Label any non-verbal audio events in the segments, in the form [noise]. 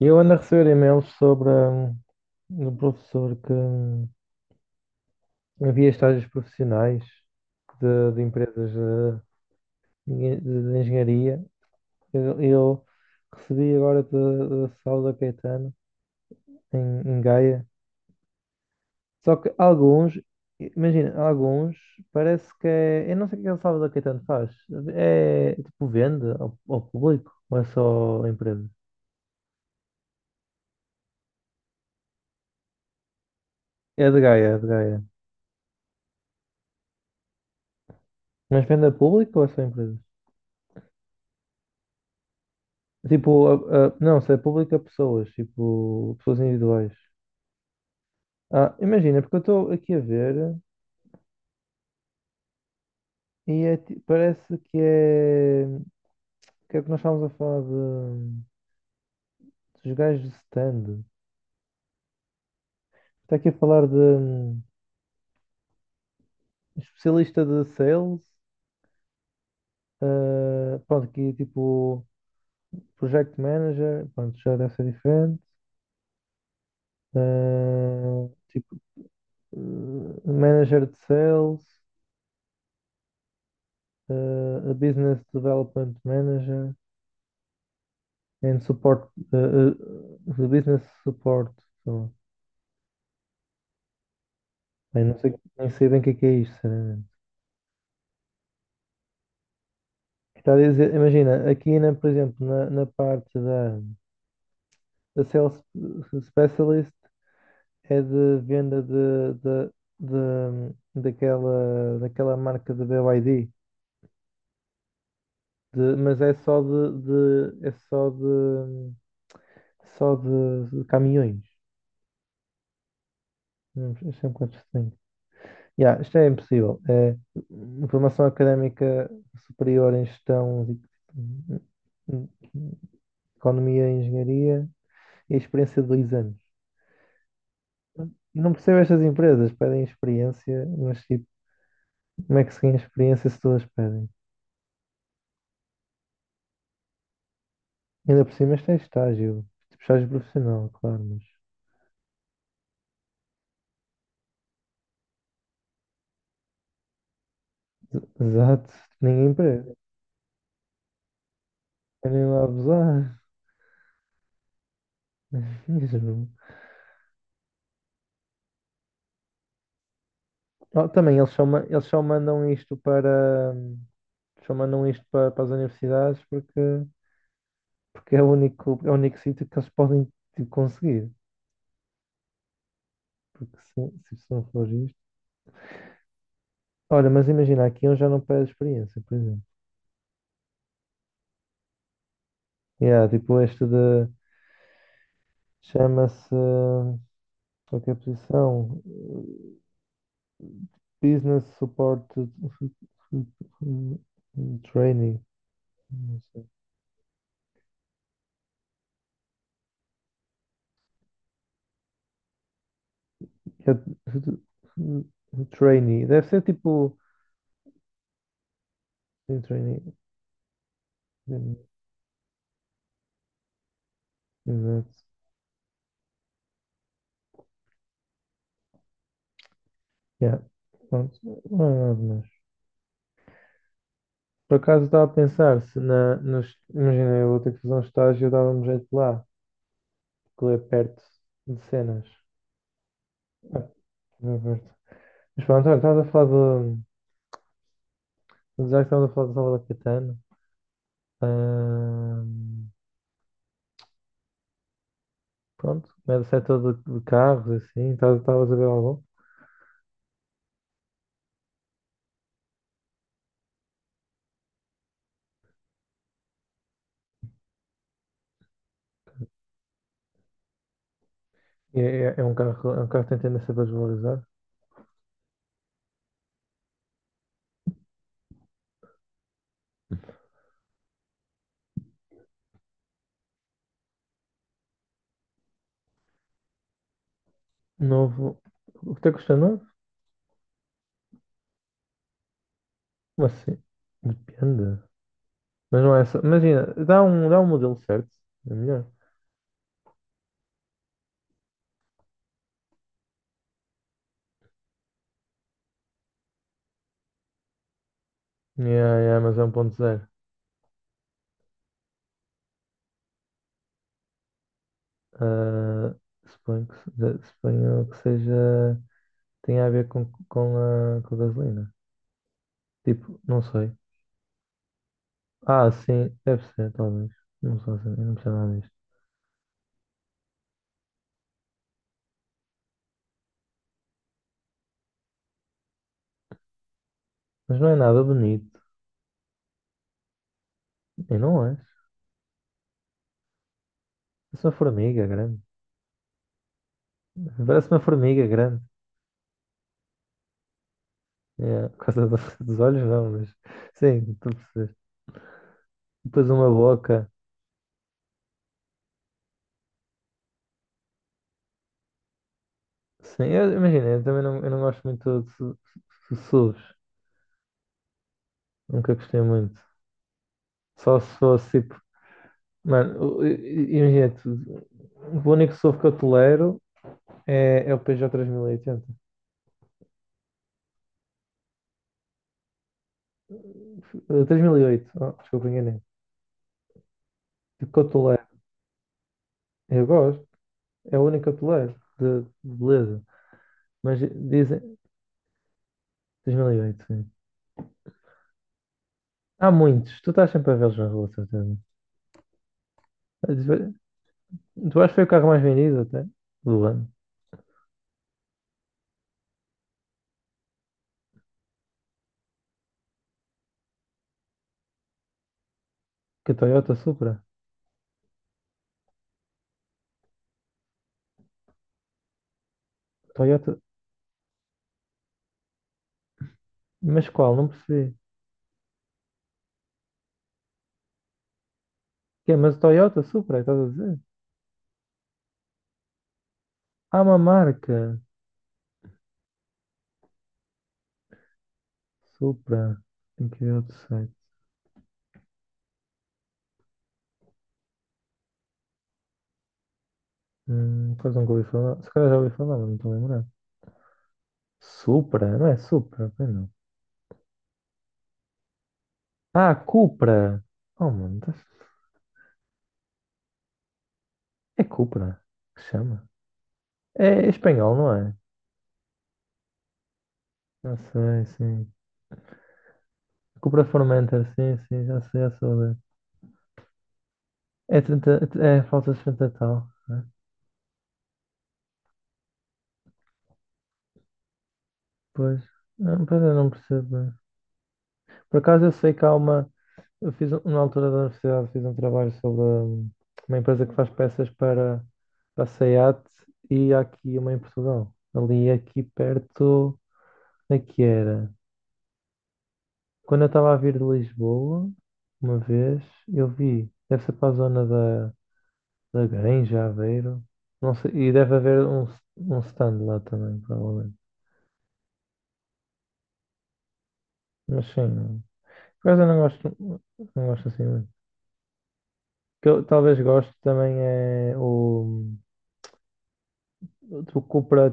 Eu ando a receber e-mails sobre um professor que havia estágios profissionais de empresas de engenharia. Eu recebi agora de Sauda Caetano, em Gaia. Só que imagina, alguns parece que é. Eu não sei o que é que o Sauda Caetano faz. É tipo vende ao público ou é só a empresa? É de Gaia, é de Gaia. Mas vende a público ou é só a empresa? Tipo, não, se é público a pessoas, tipo, pessoas individuais. Ah, imagina, porque eu estou aqui a ver e é parece que é. Que é o que nós estávamos a falar dos gajos de stand. Está aqui a falar de especialista de sales, pronto, aqui tipo project manager, pronto, já deve ser diferente. Tipo, manager de sales, a business development manager. And support, the business support. So, bem, não sei, nem sei bem o que é isto, sinceramente. Está a dizer, imagina, aqui, por exemplo, na parte da Sales Specialist é de venda de- daquela marca de BYD, mas é só de- é só de de caminhões. Não, isso é um bocado estranho. Yeah, isto é impossível. É, formação académica superior em gestão, economia e engenharia e experiência de 2 anos. Eu não percebo estas empresas, pedem experiência, mas tipo, como é que se ganha experiência se todas pedem? Ainda por cima isto é estágio, tipo estágio profissional, claro, mas exato, ninguém pede, querem lá abusar. [laughs] Mesmo. Oh, também eles só, eles só mandam isto para as universidades porque é o único sítio que eles podem tipo, conseguir. Porque se isso não for isto. Olha, mas imagina, aqui eu já não pego experiência, por exemplo. Yeah, tipo, este de. Chama-se. Qualquer que é posição? Business Support Trainee. Não sei. É Trainee. Deve ser tipo. Sim, Trainee. Exato. Yeah. Pronto. Não é nada mais. Por acaso estava a pensar, se nos, imagina, eu vou ter que fazer um estágio, eu dava um jeito lá, porque é perto de cenas. Ah, é perto. Mas pronto, olha, estavas a falar de. Já que estávamos a falar de Salvador Caetano, ahm, pronto, é do setor de carros, assim, estavas a ver algum? E é um carro, que tem tendência a desvalorizar. Novo. O que te custa novo? Mas sim, depende. Mas não é só. Imagina, dá um modelo certo, é melhor. Yeah, yeah, mas é 1.0. Ah, suponho que, se- suponho que seja. Tenha a ver com a gasolina. Tipo, não sei. Ah, sim, deve ser, talvez. Não sei, assim, eu não percebo nada disto. Mas não é nada bonito. E não é. Parece uma formiga grande. Parece uma formiga grande. É, por causa [laughs] dos olhos, não, mas. Sim, tu percebes. Depois uma boca. Sim, eu, imagina, eu também não, eu não gosto muito de SUVs. Nunca gostei muito. Só se fosse tipo. Mano, imagina, o único SUV que eu tolero é o Peugeot 3080. 3008, oh, desculpa, enganei. O que eu tolero, eu gosto, é o único que eu tolero, de beleza. Mas dizem, 2008 sim. Há muitos, tu estás sempre a vê-los na rua, de certeza. Tu acho que foi o carro mais vendido até, do ano, que a Toyota Supra. Toyota, mas qual? Não percebi. Que é, mas Toyota Supra, estás a dizer? Há uma marca, Supra, tem que ver outro site. Pois nunca ouvi falar. Se calhar já ouvi falar, mas não estou a lembrar. Supra? Não é Supra? Pois não. Ah, Cupra! Oh, mano. É Cupra que se chama. É espanhol, não é? Já sei, sim. Cupra Formentor, sim, sim, já sei, já soube. É, 30, é falta de 30 tal, né? Pois, não, pois eu não percebo bem. Por acaso eu sei que há uma. Eu fiz, na altura da universidade, fiz um trabalho sobre uma empresa que faz peças para a SEAT e há aqui uma em Portugal. Ali, aqui perto, onde é que era? Quando eu estava a vir de Lisboa, uma vez, eu vi, deve ser para a zona da Granja, Aveiro, não sei, e deve haver um stand lá também, provavelmente. Mas sim, não. Por acaso eu não gosto, não gosto assim muito. O que eu talvez goste também é o Tu compra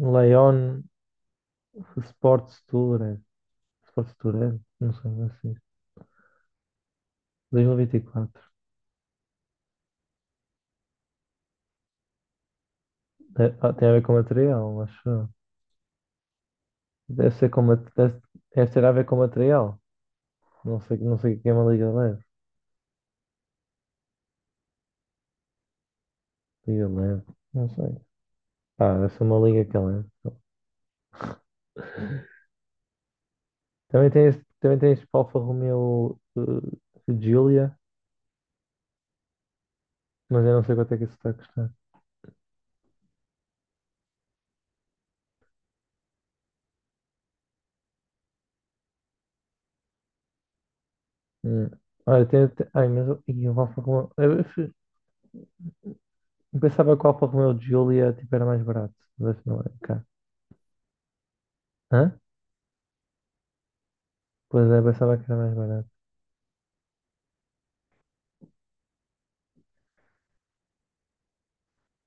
Leon Sports Tour, é. Sports Tour, é? Não sei como é assim. 2024. Tem, tem a ver com material, acho eu. Deve ser com deve ter a ver com material. Não sei, não sei o que é uma liga leve. Liga leve, não sei. Ah, deve ser uma liga que é leve. Também tem este Alfa Romeo Giulia, mas eu não sei quanto é que isso está a custar. Hum. Olha, tem, ai, mas o Alfa Romeo. Eu pensava que o Alfa Romeo Giulia tipo, era mais barato, mas não é cá. Hã? Pois é, pensava que era mais barato.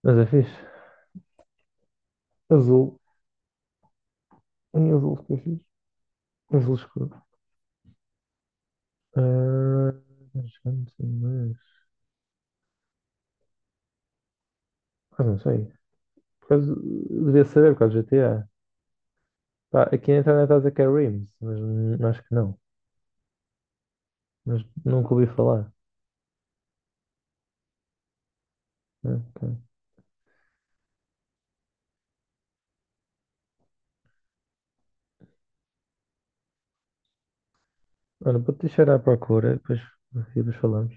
Mas é fixe. Azul. Em azul ficou fixe. Azul escuro. Ah, mas não sei, mas. Ah, não sei. Por causa... Devia saber por causa do GTA. Pá, aqui na internet está a dizer que é Rims, mas acho que não. Mas nunca ouvi falar. Ah, ok. Olha, vou te deixar à procura, depois falamos.